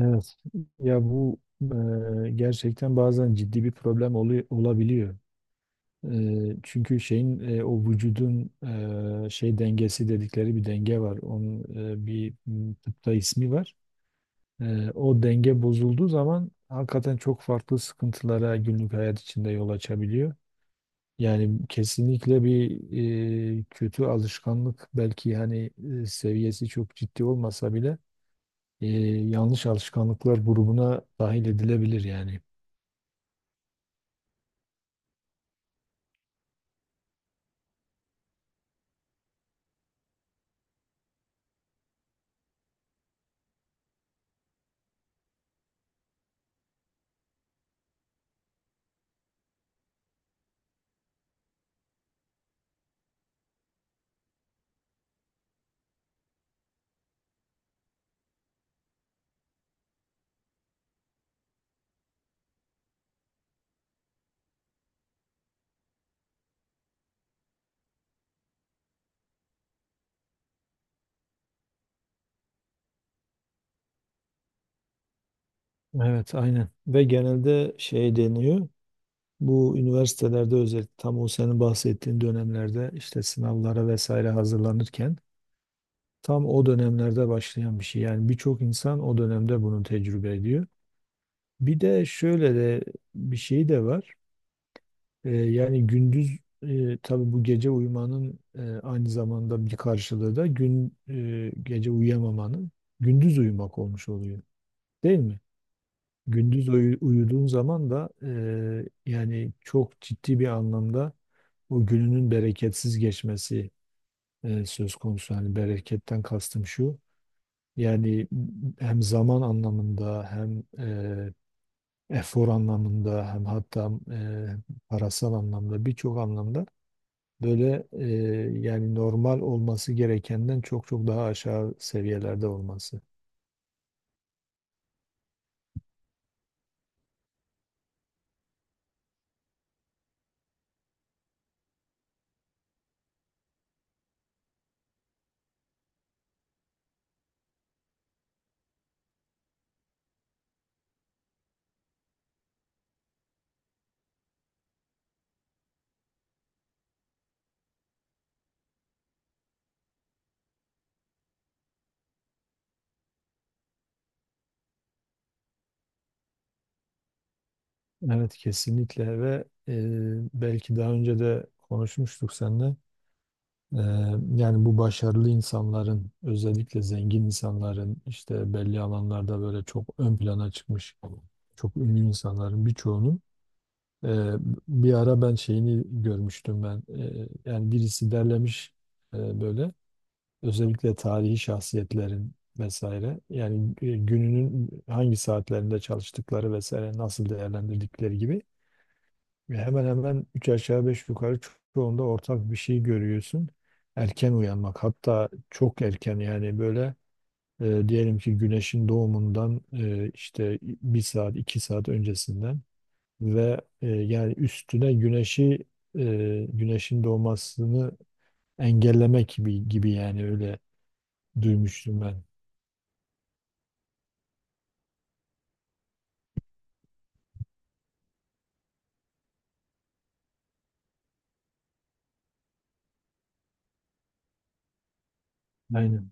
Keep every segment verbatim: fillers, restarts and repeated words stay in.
Evet. Ya bu e, gerçekten bazen ciddi bir problem olu- olabiliyor. E, çünkü şeyin e, o vücudun e, şey dengesi dedikleri bir denge var. Onun e, bir m, tıpta ismi var. E, o denge bozulduğu zaman hakikaten çok farklı sıkıntılara günlük hayat içinde yol açabiliyor. Yani kesinlikle bir e, kötü alışkanlık belki hani e, seviyesi çok ciddi olmasa bile e, yanlış alışkanlıklar grubuna dahil edilebilir yani. Evet, aynen. Ve genelde şey deniyor. Bu üniversitelerde özellikle tam o senin bahsettiğin dönemlerde işte sınavlara vesaire hazırlanırken tam o dönemlerde başlayan bir şey. Yani birçok insan o dönemde bunu tecrübe ediyor. Bir de şöyle de bir şey de var. Ee, yani gündüz e, tabii bu gece uyumanın e, aynı zamanda bir karşılığı da gün e, gece uyuyamamanın gündüz uyumak olmuş oluyor. Değil mi? Gündüz uyu- uyuduğun zaman da eee, yani çok ciddi bir anlamda o gününün bereketsiz geçmesi eee, söz konusu. Yani bereketten kastım şu. Yani hem zaman anlamında hem eee, efor anlamında hem hatta eee, parasal anlamda birçok anlamda böyle eee, yani normal olması gerekenden çok çok daha aşağı seviyelerde olması. Evet kesinlikle ve e, belki daha önce de konuşmuştuk seninle. E, Yani bu başarılı insanların özellikle zengin insanların işte belli alanlarda böyle çok ön plana çıkmış çok ünlü insanların birçoğunun e, bir ara ben şeyini görmüştüm ben. E, yani birisi derlemiş e, böyle özellikle tarihi şahsiyetlerin vesaire yani e, gününün hangi saatlerinde çalıştıkları vesaire nasıl değerlendirdikleri gibi. Ve hemen hemen üç aşağı beş yukarı ço- çoğunda ortak bir şey görüyorsun. Erken uyanmak hatta çok erken yani böyle e, diyelim ki güneşin doğumundan e, işte bir saat iki saat öncesinden ve e, yani üstüne güneşi e, güneşin doğmasını engellemek gibi gibi yani öyle duymuştum ben. Aynen.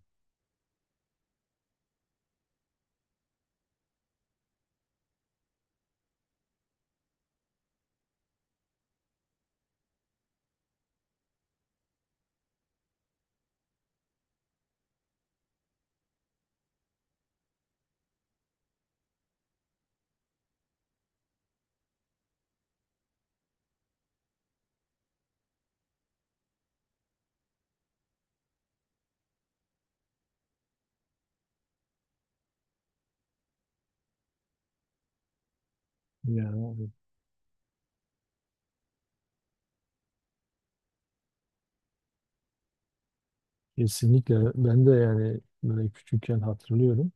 Yani kesinlikle ben de yani böyle küçükken hatırlıyorum.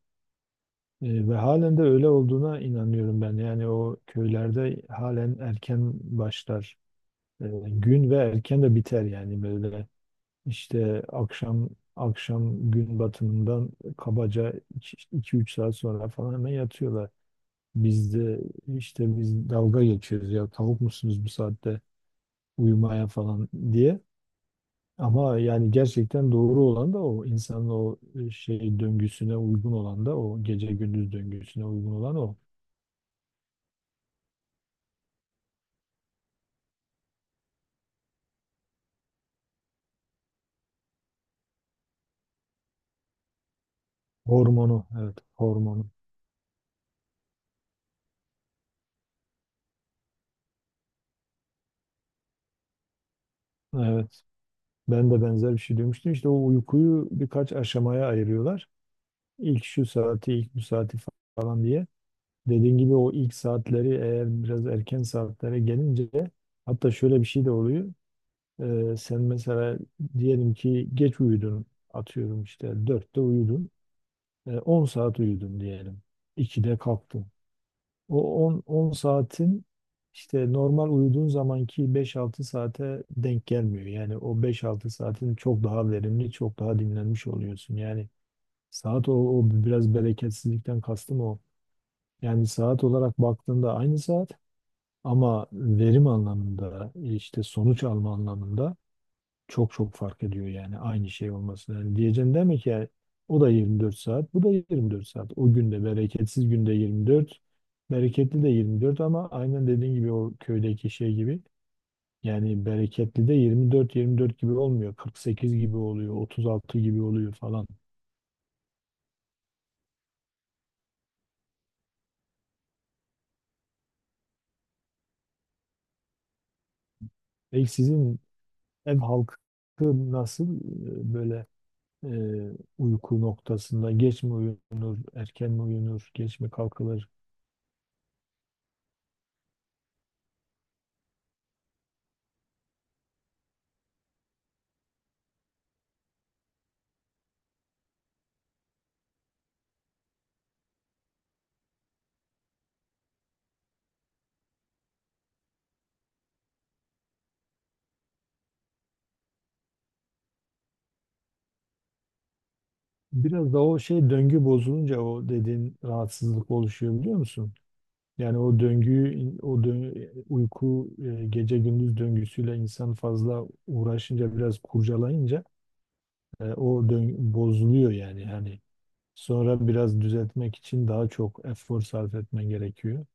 E, ve halen de öyle olduğuna inanıyorum ben. Yani o köylerde halen erken başlar e, gün ve erken de biter yani böyle işte akşam akşam gün batımından kabaca iki üç saat sonra falan hemen yatıyorlar. Biz de işte biz dalga geçiyoruz ya tavuk musunuz bu saatte uyumaya falan diye. Ama yani gerçekten doğru olan da o insanın o e, şey döngüsüne uygun olan da o gece gündüz döngüsüne uygun olan o. Hormonu, evet, hormonu. Evet, ben de benzer bir şey duymuştum. İşte o uykuyu birkaç aşamaya ayırıyorlar. İlk şu saati, ilk bu saati falan diye. Dediğin gibi o ilk saatleri eğer biraz erken saatlere gelince hatta şöyle bir şey de oluyor. Ee, sen mesela diyelim ki geç uyudun, atıyorum işte dörtte uyudun, Ee, on saat uyudun diyelim. ikide kalktın. O on 10 saatin işte normal uyuduğun zamanki beş altı saate denk gelmiyor. Yani o beş altı saatin çok daha verimli, çok daha dinlenmiş oluyorsun. Yani saat o, o biraz bereketsizlikten kastım o. Yani saat olarak baktığında aynı saat ama verim anlamında işte sonuç alma anlamında çok çok fark ediyor yani aynı şey olması. Yani diyeceğim değil ki yani o da yirmi dört saat, bu da yirmi dört saat. O günde bereketsiz günde yirmi dört, bereketli de yirmi dört ama aynen dediğin gibi o köydeki şey gibi. Yani bereketli de yirmi dört yirmi dört gibi olmuyor. kırk sekiz gibi oluyor, otuz altı gibi oluyor falan. Peki sizin ev halkı nasıl e, böyle e, uyku noktasında geç mi uyunur, erken mi uyunur, geç mi kalkılır? Biraz da o şey döngü bozulunca o dediğin rahatsızlık oluşuyor biliyor musun? Yani o döngüyü, o dö- uyku e, gece gündüz döngüsüyle insan fazla uğraşınca biraz kurcalayınca e, o döngü bozuluyor yani hani sonra biraz düzeltmek için daha çok efor sarf etmen gerekiyor.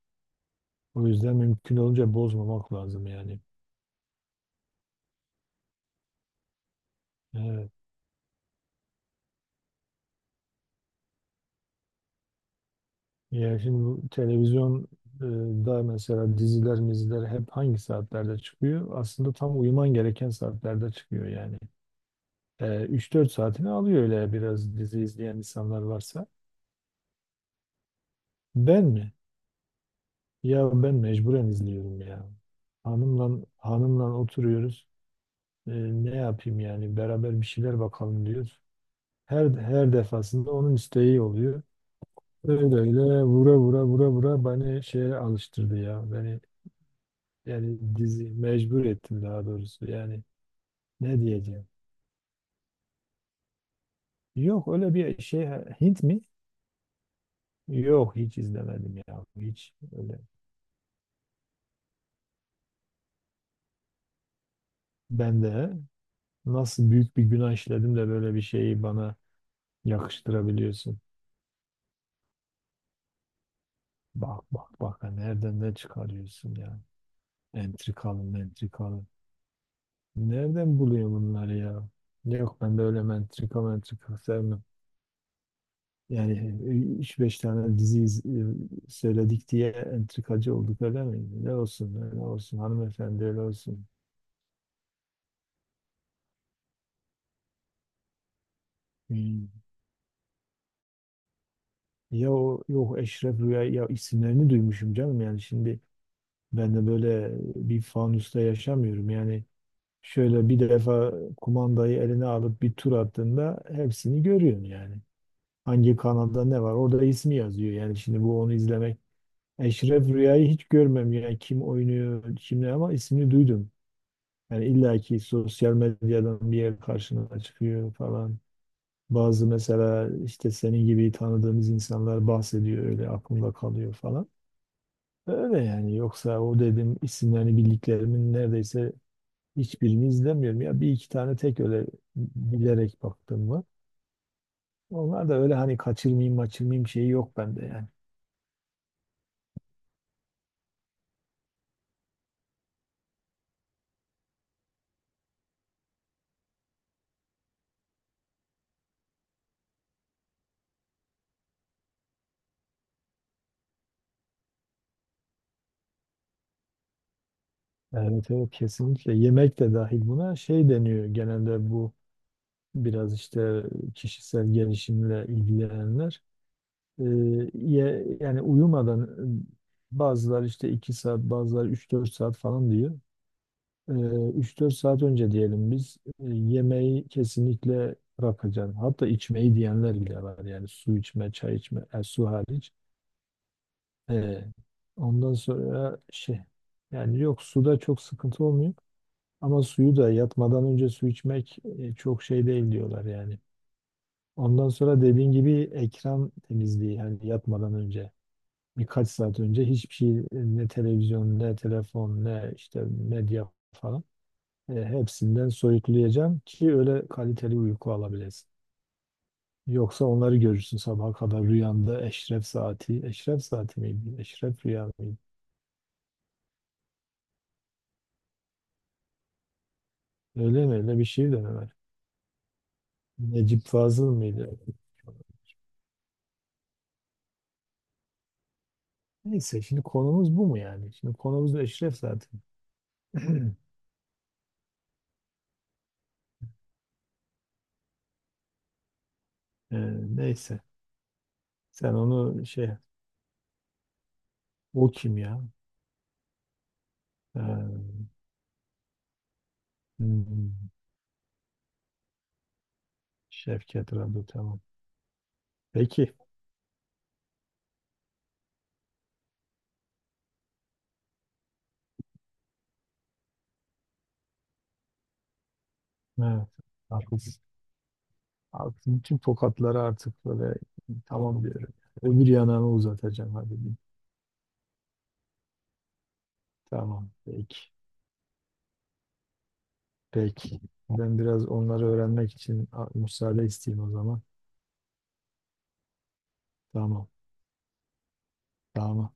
O yüzden mümkün olunca bozmamak lazım yani. E, Ya şimdi bu televizyon e, da mesela diziler, miziler hep hangi saatlerde çıkıyor? Aslında tam uyuman gereken saatlerde çıkıyor yani. E, üç dört saatini alıyor öyle biraz dizi izleyen insanlar varsa. Ben mi? Ya ben mecburen izliyorum ya. Hanımla hanımla oturuyoruz. E, Ne yapayım yani beraber bir şeyler bakalım diyoruz. Her her defasında onun isteği oluyor. Öyle öyle vura vura vura vura beni şeye alıştırdı ya. Beni Yani dizi mecbur ettim daha doğrusu. Yani ne diyeceğim? Yok öyle bir şey. Hint mi? Yok hiç izlemedim ya. Hiç öyle. Ben de nasıl büyük bir günah işledim de böyle bir şeyi bana yakıştırabiliyorsun. Bak bak bak ha, nereden ne çıkarıyorsun ya? Entrikalı mentrikalı. Nereden buluyor bunları ya? Yok ben de öyle mentrika mentrika sevmem. Yani e, üç beş tane dizi iz- e, söyledik diye entrikacı olduk öyle mi? Ne olsun, öyle olsun, hanımefendi öyle olsun. Hmm. Ya o yok, Eşref Rüya ya, isimlerini duymuşum canım yani şimdi ben de böyle bir fanusta yaşamıyorum yani şöyle bir defa kumandayı eline alıp bir tur attığında hepsini görüyorsun yani. Hangi kanalda ne var orada ismi yazıyor yani şimdi bu onu izlemek. Eşref Rüya'yı hiç görmem yani kim oynuyor kim ne ama ismini duydum. Yani illaki sosyal medyadan bir yer karşına çıkıyor falan. Bazı mesela işte senin gibi tanıdığımız insanlar bahsediyor öyle aklımda kalıyor falan. Öyle yani yoksa o dedim isimlerini bildiklerimin neredeyse hiçbirini izlemiyorum. Ya bir iki tane tek öyle bilerek baktım var. Onlar da öyle hani kaçırmayayım kaçırmayayım şeyi yok bende yani. Evet evet, kesinlikle yemek de dahil buna şey deniyor genelde bu biraz işte kişisel gelişimle ilgilenenler. Ee, ye- Yani uyumadan bazılar işte iki saat bazılar üç dört saat falan diyor. Ee, üç dört saat önce diyelim biz e, yemeği kesinlikle bırakacaksın. Hatta içmeyi diyenler bile var. Yani su içme, çay içme, e, su hariç. Ee, Ondan sonra şey yani yok suda çok sıkıntı olmuyor. Ama suyu da yatmadan önce su içmek e, çok şey değil diyorlar yani. Ondan sonra dediğin gibi ekran temizliği yani yatmadan önce. Birkaç saat önce hiçbir şey e, ne televizyon ne telefon ne işte medya falan e, hepsinden soyutlayacağım ki öyle kaliteli uyku alabilesin. Yoksa onları görürsün sabaha kadar rüyanda eşref saati. Eşref saati miydi? Eşref rüya mıydı? Öyle mi? Öyle bir şey de mi var? Necip Fazıl mıydı? Neyse şimdi konumuz bu mu yani? Şimdi konumuz da Eşref saati. Ee, Neyse. Sen onu şey, o kim ya? Ee, hmm. Şevket Radu, tamam. Peki. Evet. Haklısın. Haklısın. Tüm tokatları artık böyle tamam diyorum. Öbür yanağımı uzatacağım hadi. Bir. Tamam. Peki. Peki. Ben biraz onları öğrenmek için a- müsaade isteyeyim o zaman. Tamam. Tamam.